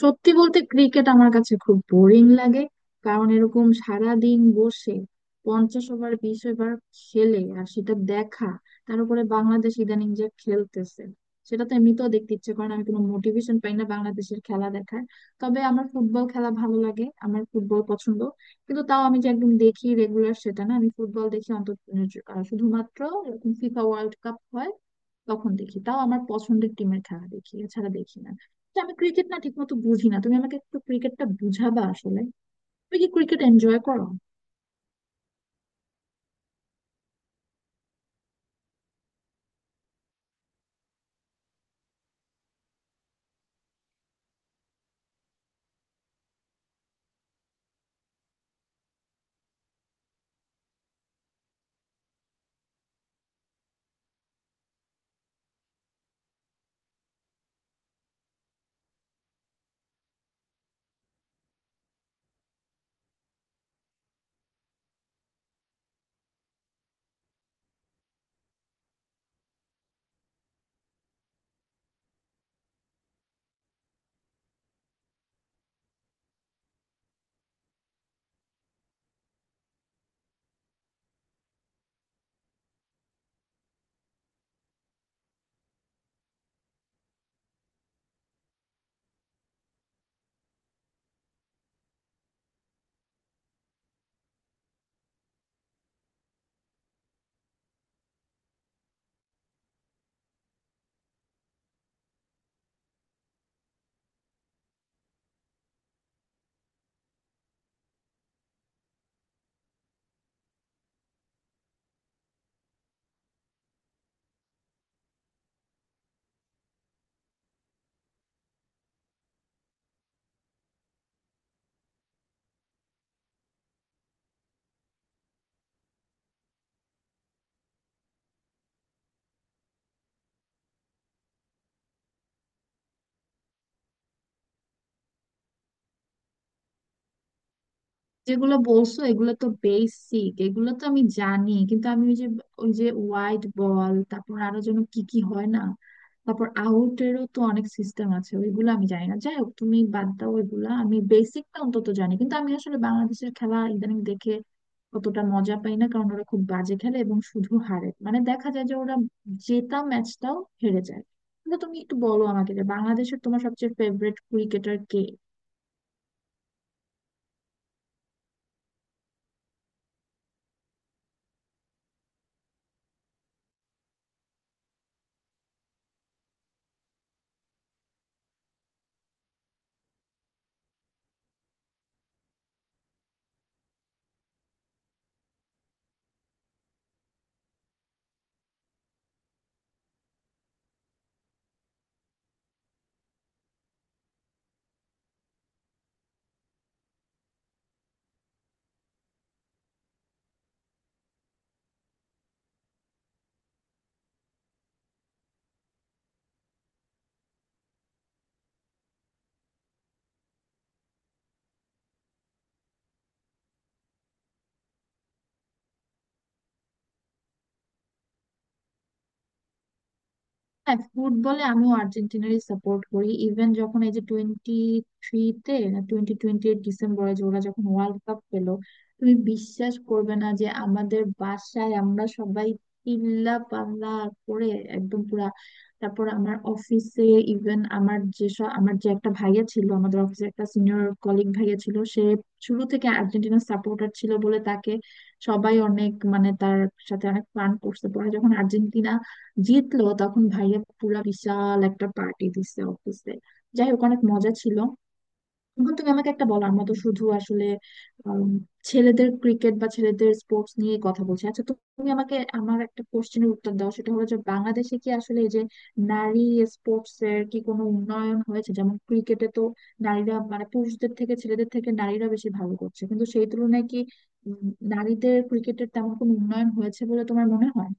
সত্যি বলতে ক্রিকেট আমার কাছে খুব বোরিং লাগে। কারণ এরকম সারা দিন বসে 50 ওভার 20 ওভার খেলে আর সেটা দেখা। তার উপরে বাংলাদেশ ইদানিং যা খেলতেছে, সেটা তো এমনিতেও দেখতে ইচ্ছে করে না, আমি কোনো মোটিভেশন পাই না বাংলাদেশের খেলা দেখার। তবে আমার ফুটবল খেলা ভালো লাগে, আমার ফুটবল পছন্দ। কিন্তু তাও আমি যে একদম দেখি রেগুলার সেটা না, আমি ফুটবল দেখি অন্তত শুধুমাত্র এরকম ফিফা ওয়ার্ল্ড কাপ হয় তখন দেখি, তাও আমার পছন্দের টিমের খেলা দেখি এছাড়া দেখি না। তো আমি ক্রিকেট না ঠিক মতো বুঝি না, তুমি আমাকে একটু ক্রিকেটটা বুঝাবা আসলে। তুমি কি ক্রিকেট এনজয় করো? যেগুলো বলছো এগুলো তো বেসিক, এগুলো তো আমি জানি, কিন্তু আমি ওই যে ওয়াইড বল, তারপর আরো যেন কি কি হয় না, তারপর আউটেরও তো অনেক সিস্টেম আছে, ওইগুলো আমি জানি না। যাই হোক, তুমি বাদ দাও ওইগুলা, আমি বেসিকটা অন্তত জানি। কিন্তু আমি আসলে বাংলাদেশের খেলা ইদানিং দেখে অতটা মজা পাই না, কারণ ওরা খুব বাজে খেলে এবং শুধু হারে, মানে দেখা যায় যে ওরা জেতা ম্যাচটাও হেরে যায়। কিন্তু তুমি একটু বলো আমাকে যে বাংলাদেশের তোমার সবচেয়ে ফেভারিট ক্রিকেটার কে? হ্যাঁ, ফুটবলে আমিও আর্জেন্টিনারই সাপোর্ট করি। ইভেন যখন এই যে টোয়েন্টি থ্রিতে 2028 ডিসেম্বরে যে ওরা যখন ওয়ার্ল্ড কাপ পেলো, তুমি বিশ্বাস করবে না যে আমাদের বাসায় আমরা সবাই চিল্লা পাল্লা করে একদম পুরা। তারপর আমার অফিসে, ইভেন আমার যেসব আমার যে একটা ভাইয়া ছিল আমাদের অফিসে, একটা সিনিয়র কলিগ ভাইয়া ছিল, সে শুরু থেকে আর্জেন্টিনার সাপোর্টার ছিল বলে তাকে সবাই অনেক, মানে তার সাথে অনেক ফান করছে। পরে যখন আর্জেন্টিনা জিতলো, তখন ভাইয়া পুরা বিশাল একটা পার্টি দিছে অফিসে। যাই হোক, অনেক মজা ছিল। এখন তুমি আমাকে একটা বলো, আমরা তো শুধু আসলে উম, ছেলেদের ক্রিকেট বা ছেলেদের স্পোর্টস নিয়ে কথা বলছি। আচ্ছা, তো তুমি আমাকে আমার একটা কোশ্চেনের উত্তর দাও, সেটা হলো যে বাংলাদেশে কি আসলে এই যে নারী স্পোর্টস এর কি কোনো উন্নয়ন হয়েছে? যেমন ক্রিকেটে তো নারীরা, মানে পুরুষদের থেকে ছেলেদের থেকে নারীরা বেশি ভালো করছে, কিন্তু সেই তুলনায় কি উম, নারীদের ক্রিকেটের তেমন কোনো উন্নয়ন হয়েছে বলে তোমার মনে হয়?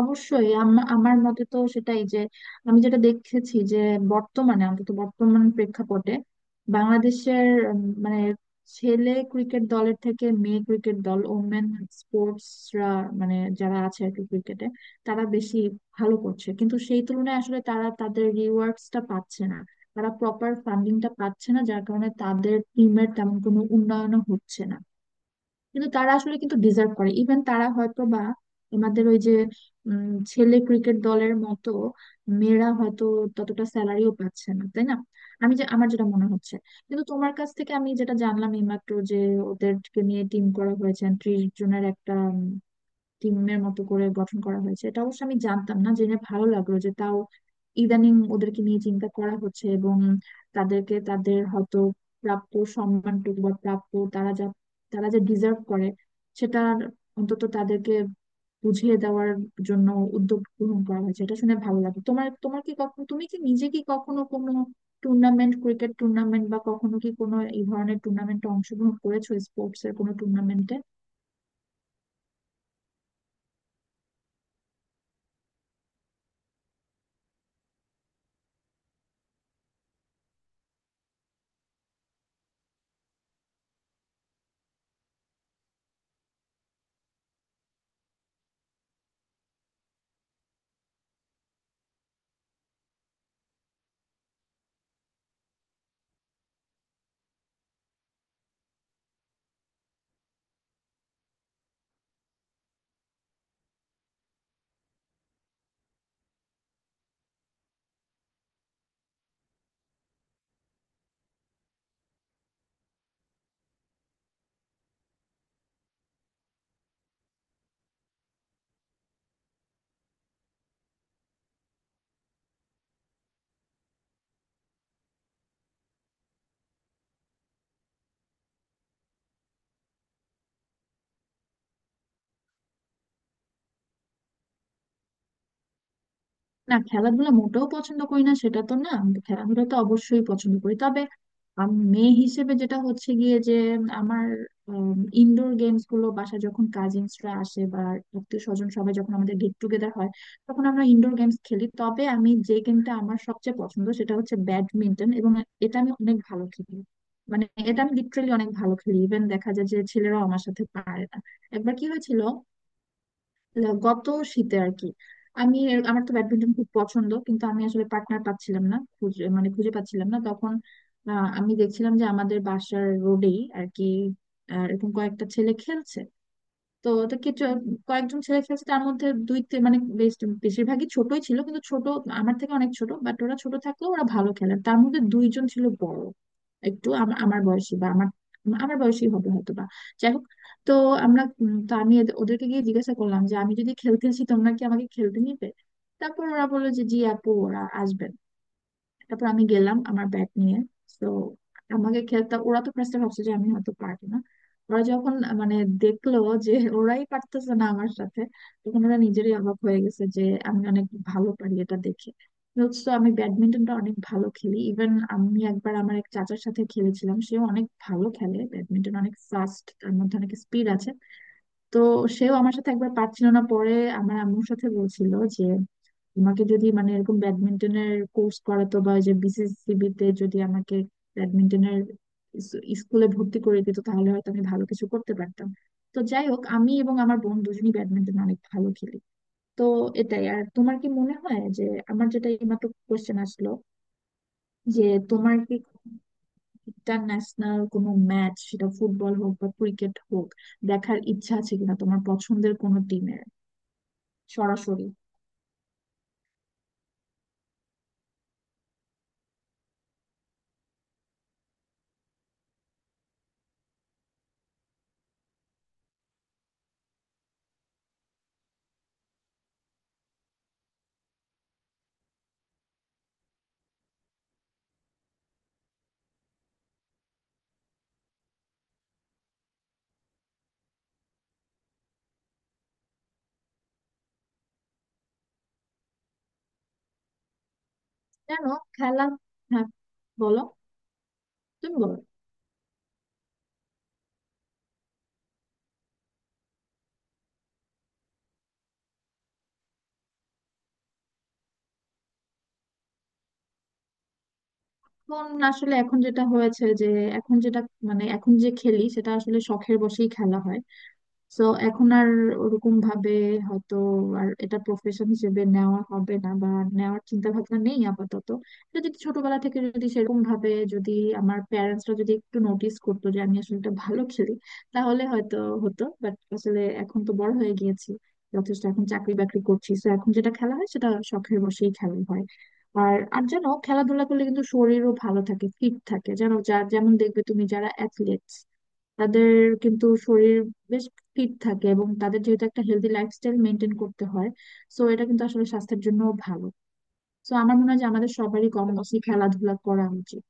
অবশ্যই, আমার মতে তো সেটাই, যে আমি যেটা দেখেছি যে বর্তমানে, অন্তত বর্তমান প্রেক্ষাপটে বাংলাদেশের, মানে ছেলে ক্রিকেট দলের থেকে মেয়ে ক্রিকেট দল, ওমেন স্পোর্টসরা, মানে যারা আছে আর কি ক্রিকেটে, তারা বেশি ভালো করছে। কিন্তু সেই তুলনায় আসলে তারা তাদের রিওয়ার্ডসটা পাচ্ছে না, তারা প্রপার ফান্ডিংটা পাচ্ছে না, যার কারণে তাদের টিমের তেমন কোনো উন্নয়নও হচ্ছে না। কিন্তু তারা আসলে কিন্তু ডিজার্ভ করে। ইভেন তারা হয়তো বা আমাদের ওই যে উম, ছেলে ক্রিকেট দলের মতো মেয়েরা হয়তো ততটা স্যালারিও পাচ্ছে না, তাই না? আমি যে, আমার যেটা মনে হচ্ছে, কিন্তু তোমার কাছ থেকে আমি যেটা জানলাম এইমাত্র যে ওদেরকে নিয়ে টিম করা হয়েছে, 30 জনের একটা টিমের মতো করে গঠন করা হয়েছে, এটা অবশ্য আমি জানতাম না, জেনে ভালো লাগলো যে তাও ইদানিং ওদেরকে নিয়ে চিন্তা করা হচ্ছে এবং তাদেরকে, তাদের হয়তো প্রাপ্য সম্মানটুকু বা প্রাপ্য, তারা যা, তারা যা ডিজার্ভ করে সেটা অন্তত তাদেরকে বুঝিয়ে দেওয়ার জন্য উদ্যোগ গ্রহণ করা হয়েছে, এটা শুনে ভালো লাগে। তোমার, তোমার কি কখনো, তুমি কি নিজে কি কখনো কোনো টুর্নামেন্ট, ক্রিকেট টুর্নামেন্ট বা কখনো কি কোনো এই ধরনের টুর্নামেন্টে অংশগ্রহণ করেছো, স্পোর্টস এর কোনো টুর্নামেন্টে? না, খেলাধুলা মোটেও পছন্দ করি না সেটা তো না, খেলাধুলা তো অবশ্যই পছন্দ করি। তবে মেয়ে হিসেবে যেটা হচ্ছে গিয়ে, যে আমার ইনডোর গেমস গুলো, বাসায় যখন কাজিনসরা আসে বা আত্মীয় স্বজন সবাই যখন আমাদের গেট টুগেদার হয়, তখন আমরা ইনডোর গেমস খেলি। তবে আমি যে গেমটা আমার সবচেয়ে পছন্দ সেটা হচ্ছে ব্যাডমিন্টন, এবং এটা আমি অনেক ভালো খেলি। মানে এটা আমি লিটারেলি অনেক ভালো খেলি, ইভেন দেখা যায় যে ছেলেরাও আমার সাথে পারে না। একবার কি হয়েছিল, গত শীতে আর কি, আমি আমার তো ব্যাডমিন্টন খুব পছন্দ, কিন্তু আমি আসলে পার্টনার পাচ্ছিলাম না, খুঁজে মানে খুঁজে পাচ্ছিলাম না। তখন আমি দেখছিলাম যে আমাদের বাসার রোডেই আর কি এরকম কয়েকটা ছেলে খেলছে। তো তো কিছু কয়েকজন ছেলে খেলছে, তার মধ্যে মানে বেশ বেশিরভাগই ছোটই ছিল, কিন্তু ছোট, আমার থেকে অনেক ছোট, বাট ওরা ছোট থাকলেও ওরা ভালো খেলে। তার মধ্যে দুইজন ছিল বড়, একটু আমার আমার বয়সী বা আমার, আমার বয়সী হবে হয়তো বা। যাই হোক, তো আমরা তো আমি ওদেরকে গিয়ে জিজ্ঞাসা করলাম যে আমি যদি খেলতে আসি তোমরা কি আমাকে খেলতে নিবে। তারপর ওরা বললো যে জি আপু, ওরা আসবে। তারপর আমি গেলাম আমার ব্যাগ নিয়ে। তো আমাকে খেলতে ওরা তো ফার্স্টে ভাবছে যে আমি হয়তো পারবো না। ওরা যখন মানে দেখলো যে ওরাই পারতেছে না আমার সাথে, তখন ওরা নিজেরই অবাক হয়ে গেছে যে আমি অনেক ভালো পারি এটা দেখে। তো আমি ব্যাডমিন্টনটা অনেক ভালো খেলি। ইভেন আমি একবার আমার এক চাচার সাথে খেলেছিলাম, সেও অনেক ভালো খেলে ব্যাডমিন্টন, অনেক ফাস্ট, তার মধ্যে অনেক স্পিড আছে। তো সেও আমার সাথে একবার পারছিল না, পরে আমার আম্মুর সাথে বলছিল যে তোমাকে যদি, মানে এরকম ব্যাডমিন্টনের কোর্স করাতো বা ওই যে বিসিসিবি তে যদি আমাকে ব্যাডমিন্টনের স্কুলে ভর্তি করে দিত, তাহলে হয়তো আমি ভালো কিছু করতে পারতাম। তো যাই হোক, আমি এবং আমার বোন দুজনই ব্যাডমিন্টন অনেক ভালো খেলি। তো এটাই। আর তোমার কি মনে হয় যে, আমার যেটা এইমাত্র কোশ্চেন আসলো, যে তোমার কি ইন্টারন্যাশনাল কোনো ম্যাচ, সেটা ফুটবল হোক বা ক্রিকেট হোক, দেখার ইচ্ছা আছে কিনা তোমার পছন্দের কোনো টিমের, সরাসরি? জানো, খেলা। হ্যাঁ বলো। তুমি বলো। এখন আসলে, এখন যেটা হয়েছে যে এখন যেটা, মানে এখন যে খেলি সেটা আসলে শখের বশেই খেলা হয়। সো এখন আর ওরকম ভাবে হয়তো আর এটা প্রফেশন হিসেবে নেওয়া হবে না বা নেওয়ার চিন্তা ভাবনা নেই আপাতত। এটা যদি ছোটবেলা থেকে, যদি সেরকম ভাবে, যদি আমার প্যারেন্টসরা যদি একটু নোটিস করতো যে আমি আসলে এটা ভালো খেলি, তাহলে হয়তো হতো। বাট আসলে এখন তো বড় হয়ে গিয়েছি যথেষ্ট, এখন চাকরি বাকরি করছি, তো এখন যেটা খেলা হয় সেটা শখের বশেই খেলা হয়। আর, জানো, খেলাধুলা করলে কিন্তু শরীরও ভালো থাকে, ফিট থাকে। জানো, যার যেমন দেখবে, তুমি যারা অ্যাথলেট তাদের কিন্তু শরীর বেশ ফিট থাকে, এবং তাদের যেহেতু একটা হেলদি লাইফস্টাইল মেনটেন করতে হয়, সো এটা কিন্তু আসলে স্বাস্থ্যের জন্য ভালো। তো আমার মনে হয় যে আমাদের সবারই কম বেশি খেলাধুলা করা উচিত।